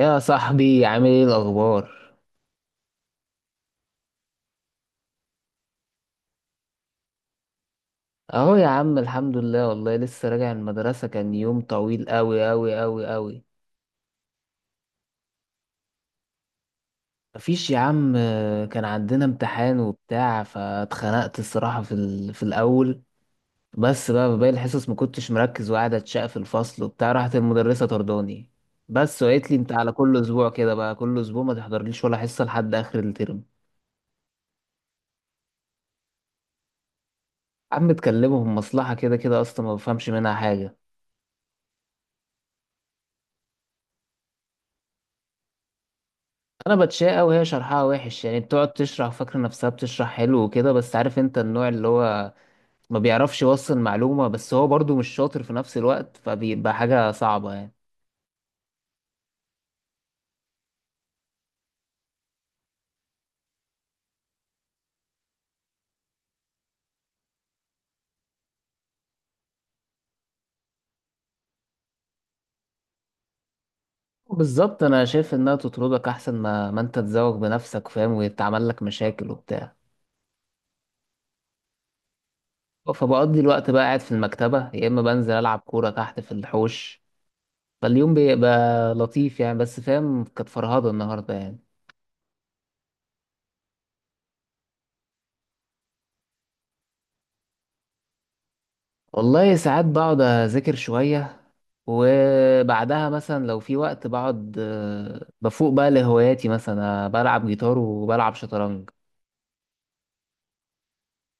يا صاحبي، عامل ايه الاخبار؟ اهو يا عم الحمد لله والله، لسه راجع من المدرسه، كان يوم طويل قوي قوي قوي قوي. مفيش يا عم آه، كان عندنا امتحان وبتاع، فاتخنقت الصراحه في الاول، بس بقى في باقي الحصص ما كنتش مركز وقاعد اتشق في الفصل وبتاع، راحت المدرسه طرداني بس، وقالت لي انت على كل اسبوع كده بقى، كل اسبوع ما تحضرليش ولا حصه لحد اخر الترم. عم تكلمهم مصلحه كده كده، اصلا ما بفهمش منها حاجه. انا بتشاء وهي شرحها وحش، يعني بتقعد تشرح فاكره نفسها بتشرح حلو وكده، بس عارف انت النوع اللي هو ما بيعرفش يوصل معلومه، بس هو برضو مش شاطر في نفس الوقت، فبيبقى حاجه صعبه يعني. بالظبط، انا شايف انها تطردك احسن ما انت تزوج بنفسك فاهم، ويتعمل لك مشاكل وبتاع. فبقضي الوقت بقى قاعد في المكتبه، يا اما بنزل العب كوره تحت في الحوش. فاليوم بيبقى لطيف يعني، بس فاهم، كانت فرهضه النهارده يعني. والله ساعات بقعد أذاكر شوية، وبعدها مثلا لو في وقت بقعد بفوق بقى لهواياتي، مثلا بلعب جيتار وبلعب شطرنج.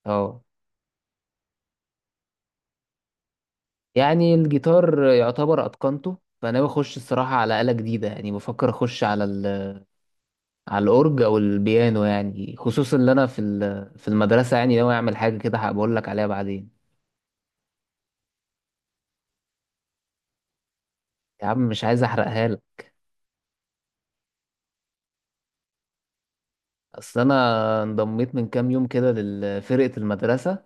اه. يعني الجيتار يعتبر اتقنته، فانا بخش الصراحه على آلة جديده، يعني بفكر اخش على على الاورج او البيانو، يعني خصوصا ان انا في في المدرسه يعني ناوي اعمل حاجه كده، هبقول لك عليها بعدين. يا عم مش عايز احرقها لك. اصل انا انضميت من كام يوم كده لفرقه المدرسه،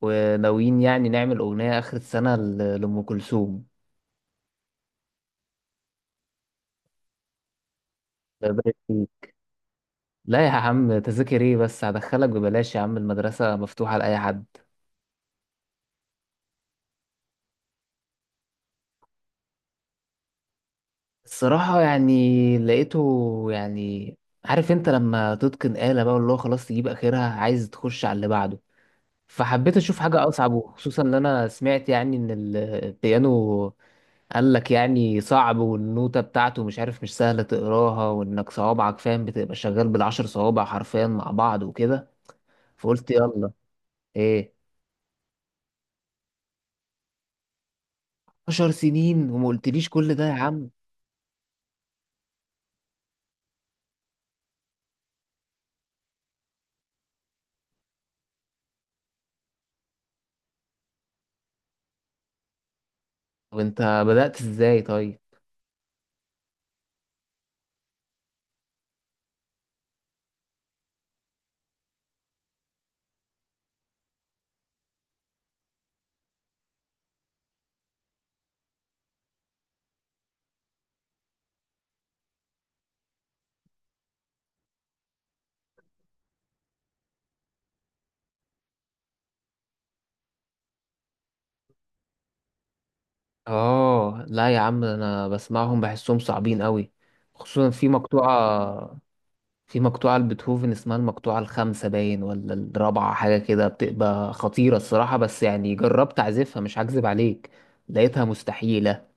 وناويين يعني نعمل اغنيه اخر السنه ل- لام كلثوم. لا يا عم تذاكر ايه، بس هدخلك ببلاش، يا عم المدرسة مفتوحة لأي حد. الصراحة يعني لقيته يعني، عارف انت لما تتقن آلة بقى واللي هو خلاص تجيب آخرها عايز تخش على اللي بعده، فحبيت أشوف حاجة أصعب، وخصوصا إن أنا سمعت يعني إن البيانو قال لك يعني صعب، والنوتة بتاعته مش عارف مش سهلة تقراها، وإنك صوابعك فاهم بتبقى شغال بالعشر صوابع حرفيا مع بعض وكده. فقلت يلا. ايه؟ 10 سنين وما قلتليش كل ده يا عم؟ وانت بدأت ازاي طيب؟ اه لا يا عم انا بسمعهم بحسهم صعبين قوي، خصوصا في مقطوعة، في مقطوعة لبيتهوفن اسمها المقطوعة الخامسة باين ولا الرابعة حاجة كده، بتبقى خطيرة الصراحة، بس يعني جربت اعزفها مش هكذب عليك، لقيتها مستحيلة.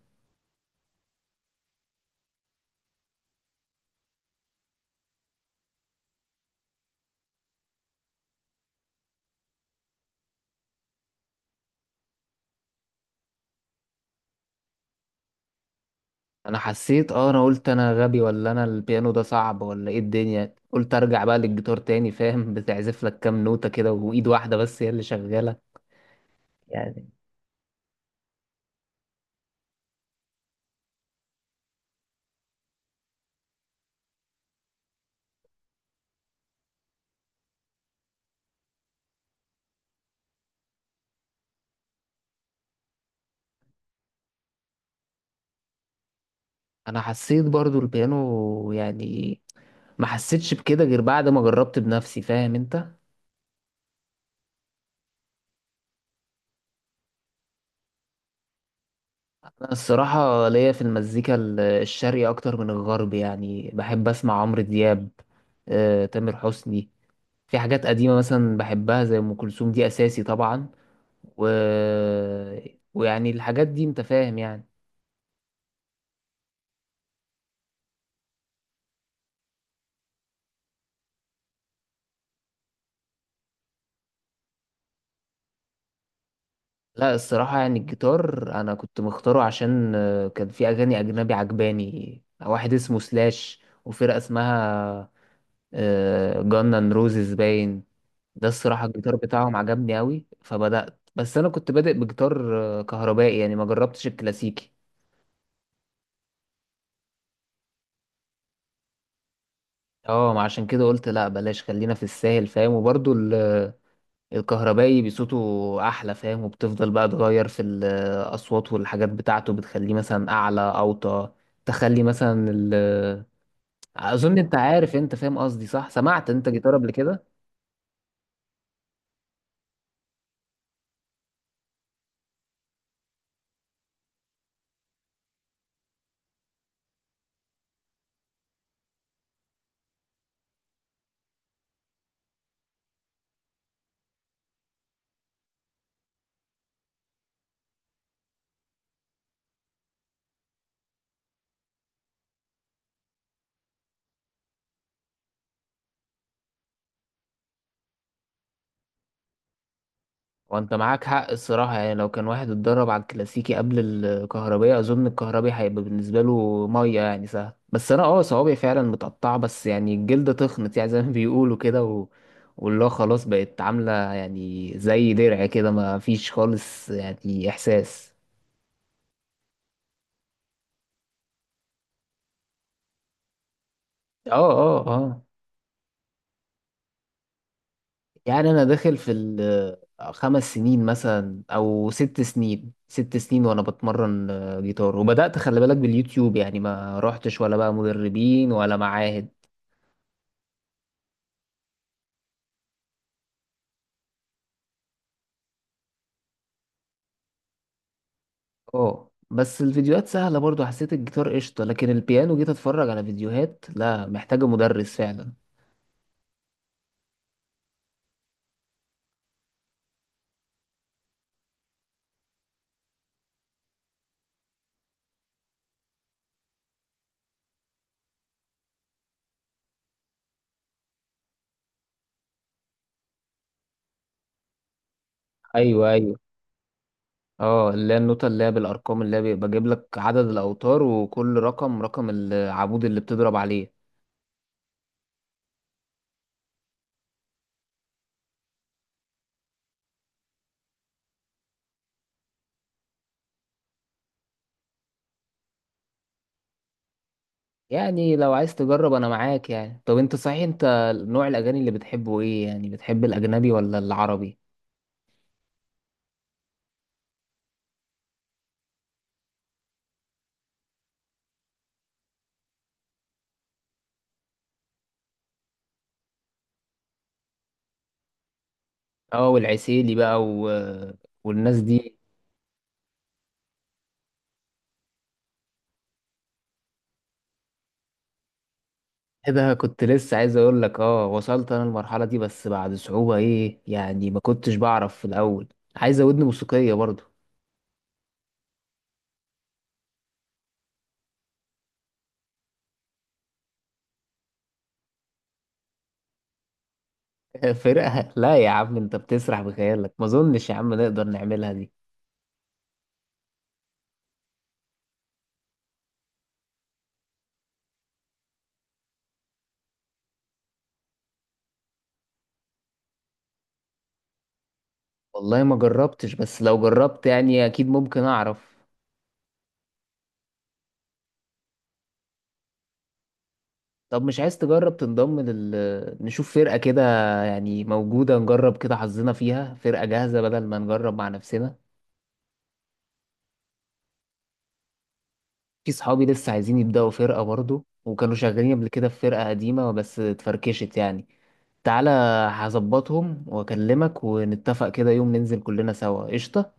انا حسيت، اه انا قلت انا غبي ولا انا البيانو ده صعب ولا ايه الدنيا، قلت ارجع بقى للجيتار تاني فاهم، بتعزف لك كام نوتة كده وايد واحدة بس هي اللي شغالة. يعني انا حسيت برضو البيانو يعني، ما حسيتش بكده غير بعد ما جربت بنفسي فاهم انت. انا الصراحة ليا في المزيكا الشرقي اكتر من الغرب، يعني بحب اسمع عمرو دياب، آه، تامر حسني، في حاجات قديمة مثلا بحبها زي ام كلثوم دي اساسي طبعا، و... ويعني الحاجات دي انت فاهم يعني. لا الصراحة يعني الجيتار انا كنت مختاره عشان آه، كان في اغاني اجنبي عجباني، واحد اسمه سلاش وفرقة اسمها جانن روزز باين، ده الصراحة الجيتار بتاعهم عجبني أوي، فبدأت، بس أنا كنت بادئ بجيتار آه، كهربائي يعني ما جربتش الكلاسيكي. اه ما عشان كده قلت لا بلاش خلينا في الساهل فاهم، وبرضو الكهربائي بصوته أحلى فاهم، وبتفضل بقى تغير في الأصوات والحاجات بتاعته، بتخليه مثلا أعلى أوطى، تخلي مثلا ال... آه، أظن أنت عارف، أنت فاهم قصدي صح، سمعت أنت جيتار قبل كده. وانت معاك حق الصراحة، يعني لو كان واحد اتدرب على الكلاسيكي قبل الكهربية، اظن الكهربي هيبقى بالنسبة له مية، يعني سهل. بس انا اه صوابعي فعلا متقطعة، بس يعني الجلد تخنت يعني زي ما بيقولوا كده، و... واللي هو خلاص بقت عاملة يعني زي درع كده، ما فيش خالص يعني احساس. اه اه اه. يعني انا داخل في خمس سنين مثلا او ست سنين، ست سنين وانا بتمرن آه، جيتار، وبدأت خلي بالك باليوتيوب يعني، ما رحتش ولا بقى مدربين ولا معاهد. اه بس الفيديوهات سهلة برضو، حسيت الجيتار قشطة، لكن البيانو جيت اتفرج على فيديوهات لا محتاجة مدرس فعلا. ايوه ايوه. اه اللي هي النوتة اللي هي بالارقام، اللي هي بيبقى جايب لك عدد الاوتار، وكل رقم رقم العمود اللي بتضرب عليه. يعني لو عايز تجرب انا معاك يعني. طب انت صحيح انت نوع الاغاني اللي بتحبه ايه؟ يعني بتحب الاجنبي ولا العربي؟ اه والعسيلي بقى و... والناس دي. ايه ده، كنت لسه عايز اقول لك، اه وصلت انا المرحله دي بس بعد صعوبه، ايه يعني ما كنتش بعرف في الاول، عايز ودن موسيقيه برضو. فرقه؟ لا يا عم انت بتسرح بخيالك، ما اظنش يا عم نقدر نعملها دي. والله ما جربتش، بس لو جربت يعني اكيد ممكن اعرف. طب مش عايز تجرب تنضم لل نشوف فرقة كده يعني موجودة، نجرب كده حظنا فيها فرقة جاهزة بدل ما نجرب مع نفسنا. في صحابي لسه عايزين يبدأوا فرقة برضو، وكانوا شغالين قبل كده في فرقة قديمة بس اتفركشت يعني. تعالى هظبطهم واكلمك ونتفق كده يوم ننزل كلنا سوا، قشطة؟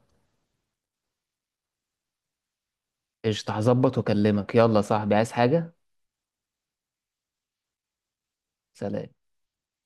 قشطة، هظبط واكلمك. يلا يا صاحبي، عايز حاجة؟ سلام.